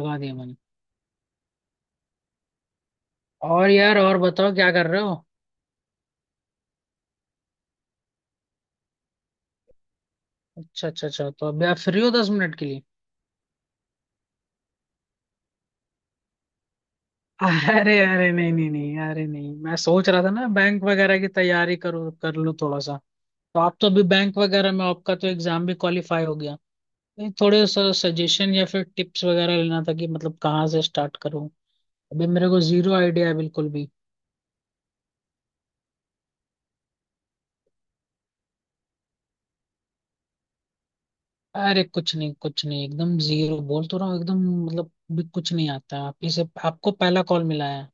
लगा दिया मैंने। और यार, और बताओ क्या कर रहे हो? अच्छा अच्छा अच्छा, तो अभी आप फ्री हो 10 मिनट के लिए? अरे अरे नहीं नहीं नहीं, अरे नहीं, मैं सोच रहा था ना, बैंक वगैरह की तैयारी करूँ, कर लूँ थोड़ा सा। तो आप तो अभी बैंक वगैरह में, आपका तो एग्जाम भी क्वालिफाई हो गया? नहीं, थोड़े सा सजेशन या फिर टिप्स वगैरह लेना था कि मतलब कहाँ से स्टार्ट करूँ। अभी मेरे को जीरो आइडिया है बिल्कुल भी। अरे कुछ नहीं कुछ नहीं, एकदम जीरो बोल तो रहा हूँ एकदम। मतलब भी कुछ नहीं आता, आप ही से, आपको पहला कॉल मिला है।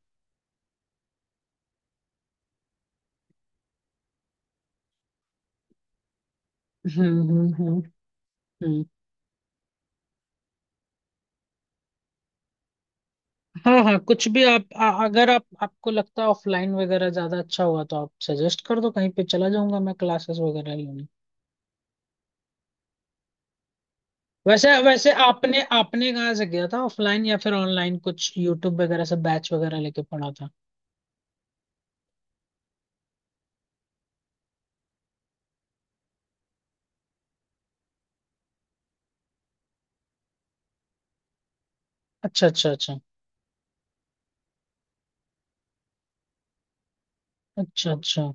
हम्म हम्म हम्म। हाँ हाँ, कुछ भी, अगर आप, आपको लगता है ऑफलाइन वगैरह ज्यादा अच्छा हुआ तो आप सजेस्ट कर दो, कहीं पे चला जाऊंगा मैं क्लासेस वगैरह लेने। वैसे वैसे आपने आपने कहाँ से किया था, ऑफलाइन या फिर ऑनलाइन, कुछ यूट्यूब वगैरह से बैच वगैरह लेके पढ़ा था? अच्छा अच्छा अच्छा। अच्छा अच्छा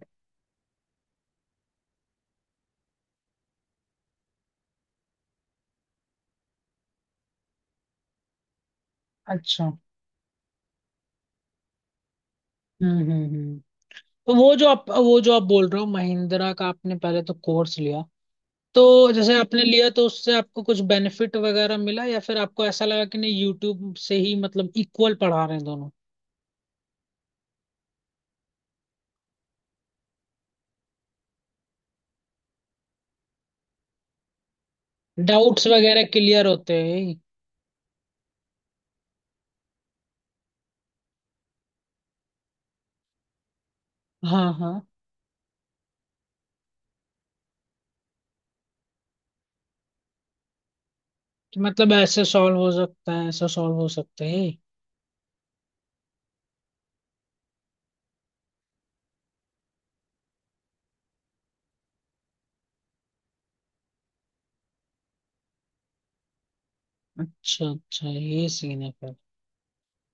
अच्छा। हम्म। तो वो जो आप बोल रहे हो, महिंद्रा का आपने पहले तो कोर्स लिया, तो जैसे आपने लिया तो उससे आपको कुछ बेनिफिट वगैरह मिला या फिर आपको ऐसा लगा कि नहीं, यूट्यूब से ही मतलब इक्वल पढ़ा रहे हैं दोनों? डाउट्स वगैरह क्लियर होते हैं। हाँ हाँ। कि मतलब ऐसे सॉल्व हो सकता है, ऐसा सॉल्व हो सकता है। अच्छा अच्छा, ये सीन है फिर।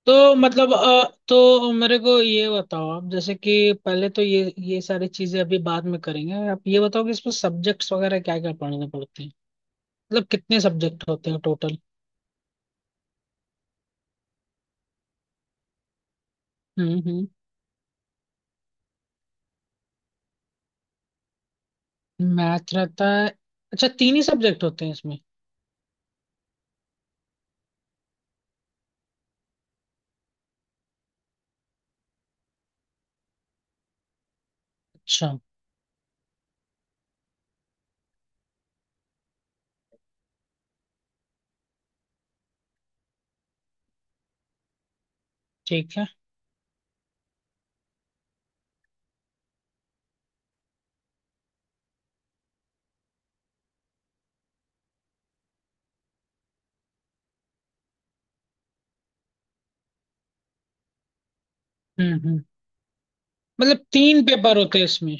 तो मतलब तो मेरे को ये बताओ आप, जैसे कि पहले तो ये सारी चीजें अभी बाद में करेंगे, आप ये बताओ कि इसमें सब्जेक्ट्स वगैरह क्या क्या पढ़ने पड़ते हैं? मतलब कितने सब्जेक्ट होते हैं टोटल? हम्म। मैथ रहता है? अच्छा, तीन ही सब्जेक्ट होते हैं इसमें? अच्छा, ठीक है। हम्म। मतलब तीन पेपर होते हैं इसमें?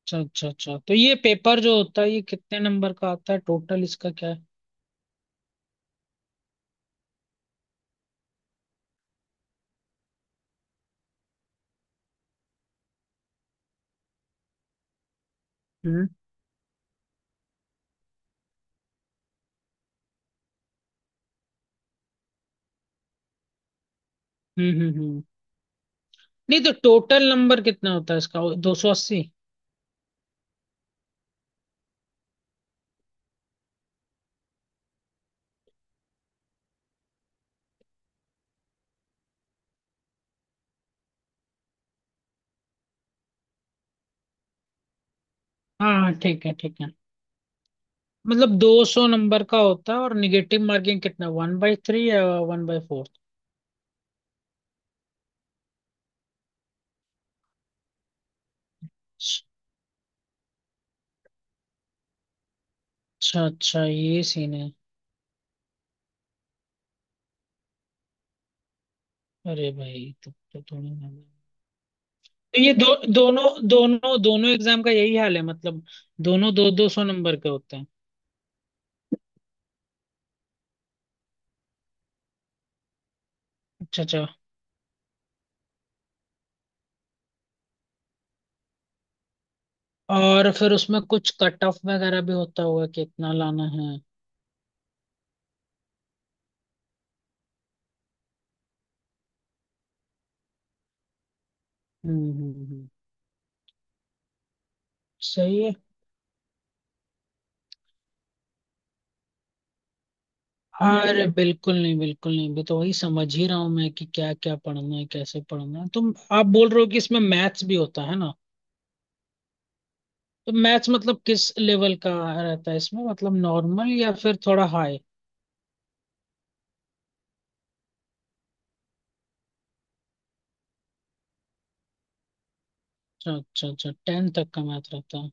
अच्छा अच्छा अच्छा, तो ये पेपर जो होता है ये कितने नंबर का आता है टोटल, इसका क्या है? हम्म हम्म। हम्म। नहीं, तो टोटल नंबर कितना होता है इसका, 280? हाँ हाँ, ठीक है ठीक है। मतलब 200 नंबर का होता है, और निगेटिव मार्किंग कितना, 1/3 या 1/4? अच्छा अच्छा, ये सीन है। अरे भाई तो थोड़ी ना-, तो ये दो दोनों, दोनों एग्जाम का यही हाल है मतलब, दोनों दो 200 नंबर के होते हैं? अच्छा अच्छा। और फिर उसमें कुछ कट ऑफ वगैरह भी होता होगा कि इतना लाना है? हम्म हम्म हम्म। सही है। हाँ, अरे बिल्कुल नहीं बिल्कुल नहीं, अभी तो वही समझ ही रहा हूँ मैं कि क्या क्या पढ़ना है, कैसे पढ़ना है। तुम, आप बोल रहे हो कि इसमें मैथ्स भी होता है ना? तो मैथ्स मतलब किस लेवल का रहता है इसमें, मतलब नॉर्मल या फिर थोड़ा हाई? अच्छा अच्छा अच्छा, 10 तक का मैथ रहता है।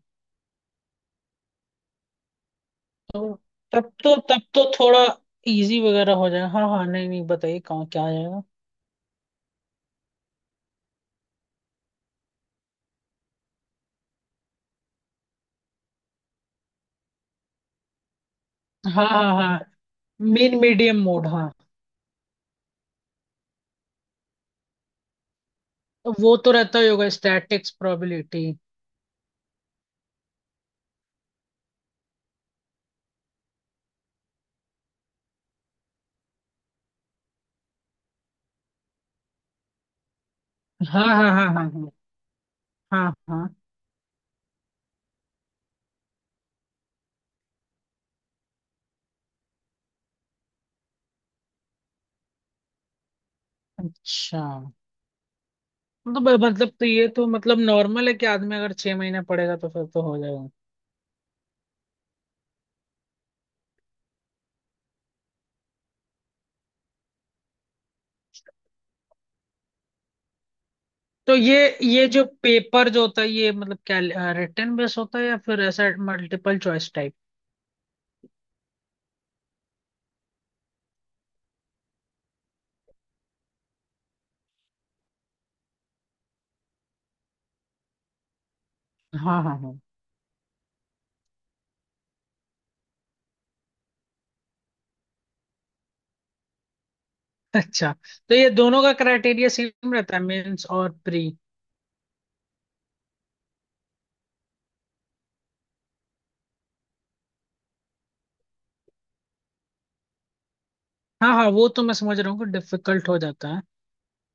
तो तब तो तब तो थोड़ा इजी वगैरह हो जाए, हाँ हाँ, नहीं नहीं, बताइए कहाँ क्या आएगा। हाँ हाँ हाँ। मीन मीडियम मोड, हाँ। वो तो रहता ही होगा, स्टैटिक्स प्रोबेबिलिटी। हाँ हाँ हाँ हाँ हाँ। हाँ हाँ। अच्छा। तो ब-, मतलब तो ये तो मतलब नॉर्मल है, कि आदमी अगर 6 महीना पढ़ेगा तो फिर तो हो जाएगा। तो ये जो पेपर जो होता है ये मतलब क्या, रिटर्न बेस होता है या फिर ऐसा मल्टीपल चॉइस टाइप? हाँ हाँ हाँ। अच्छा, तो ये दोनों का क्राइटेरिया सेम रहता है मेंस और प्री? हाँ हाँ, वो तो मैं समझ रहा हूँ कि डिफिकल्ट हो जाता है।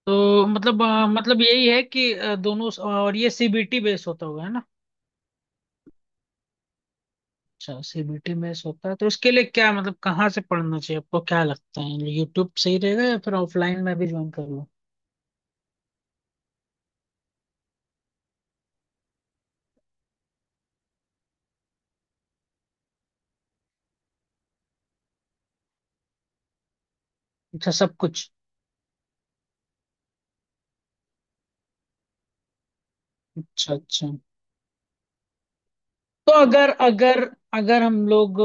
तो मतलब मतलब यही है कि दोनों, और ये सीबीटी बेस होता होगा है ना? अच्छा, सीबीटी में होता है, तो उसके लिए क्या, मतलब कहाँ से पढ़ना चाहिए, आपको क्या लगता है यूट्यूब सही रहेगा या फिर ऑफलाइन में भी ज्वाइन कर लूँ? अच्छा, सब कुछ? अच्छा अच्छा। तो अगर अगर अगर हम लोग,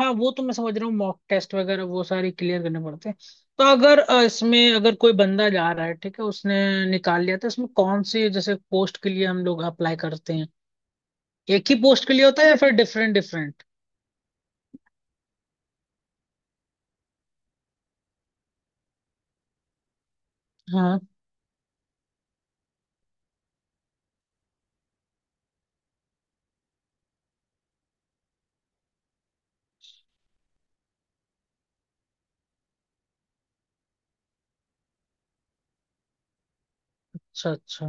हाँ, वो तो मैं समझ रहा हूँ, मॉक टेस्ट वगैरह वो सारी क्लियर करने पड़ते हैं। तो अगर इसमें अगर कोई बंदा जा रहा है, ठीक है, उसने निकाल लिया, तो इसमें कौन सी जैसे पोस्ट के लिए हम लोग अप्लाई करते हैं, एक ही पोस्ट के लिए होता है या फिर डिफरेंट डिफरेंट? हाँ। अच्छा अच्छा।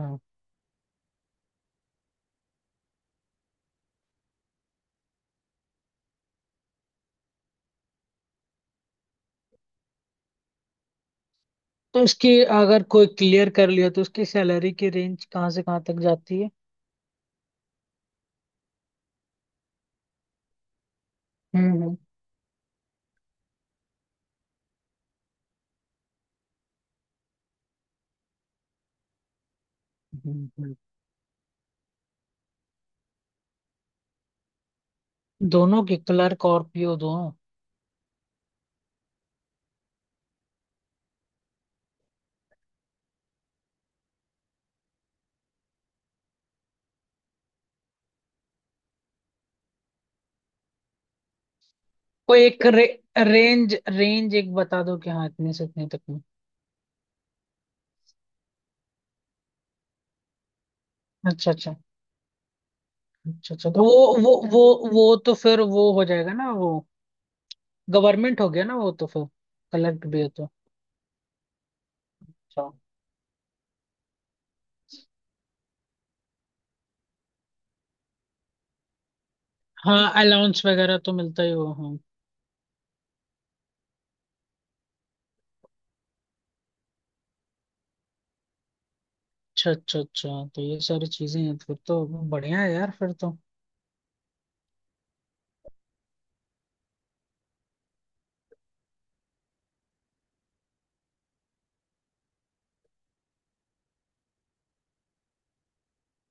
तो इसकी, अगर कोई क्लियर कर लिया तो उसकी सैलरी की रेंज कहाँ से कहाँ तक जाती है? हम्म, हम्म, हम्म। दोनों की, क्लर्क और पीओ दोनों? कोई एक रे-, रेंज रेंज एक बता दो कि हाँ इतने से इतने तक में। अच्छा अच्छा अच्छा अच्छा। तो वो तो फिर वो हो जाएगा ना, वो गवर्नमेंट हो गया ना वो, तो फिर कलेक्ट भी है तो। हम्म। हाँ, अलाउंस वगैरह तो मिलता ही वो, हाँ। अच्छा अच्छा अच्छा, तो ये सारी चीजें हैं फिर तो, बढ़िया है यार फिर तो।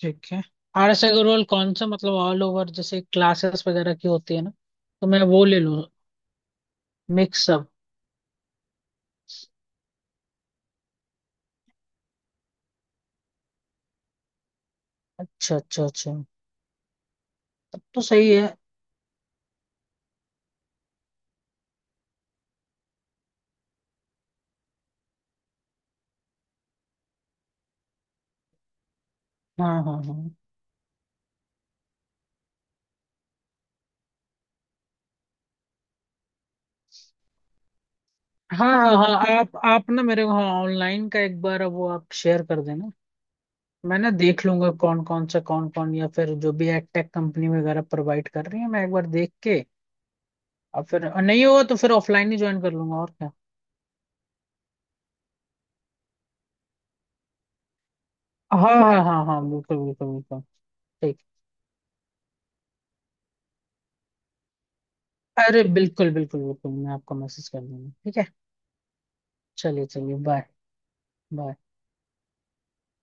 ठीक है। आरएसए का रोल कौन सा मतलब ऑल ओवर जैसे क्लासेस वगैरह की होती है ना, तो मैं वो ले लूँ? मिक्सअप। अच्छा अच्छा अच्छा, तब तो सही है। हाँ हाँ हाँ हाँ हाँ हाँ, आप ना मेरे को, हाँ, ऑनलाइन का एक बार वो आप शेयर कर देना। मैं ना देख लूंगा कौन कौन सा, कौन कौन, या फिर जो भी एडटेक कंपनी वगैरह प्रोवाइड कर रही है मैं एक बार देख के। और फिर और नहीं हुआ तो फिर ऑफलाइन ही ज्वाइन कर लूंगा, और क्या। हाँ हाँ हाँ हाँ, बिल्कुल बिल्कुल बिल्कुल। ठीक। अरे बिल्कुल बिल्कुल बिल्कुल, मैं आपको मैसेज कर दूंगा, ठीक है? चलिए चलिए बाय। बाय।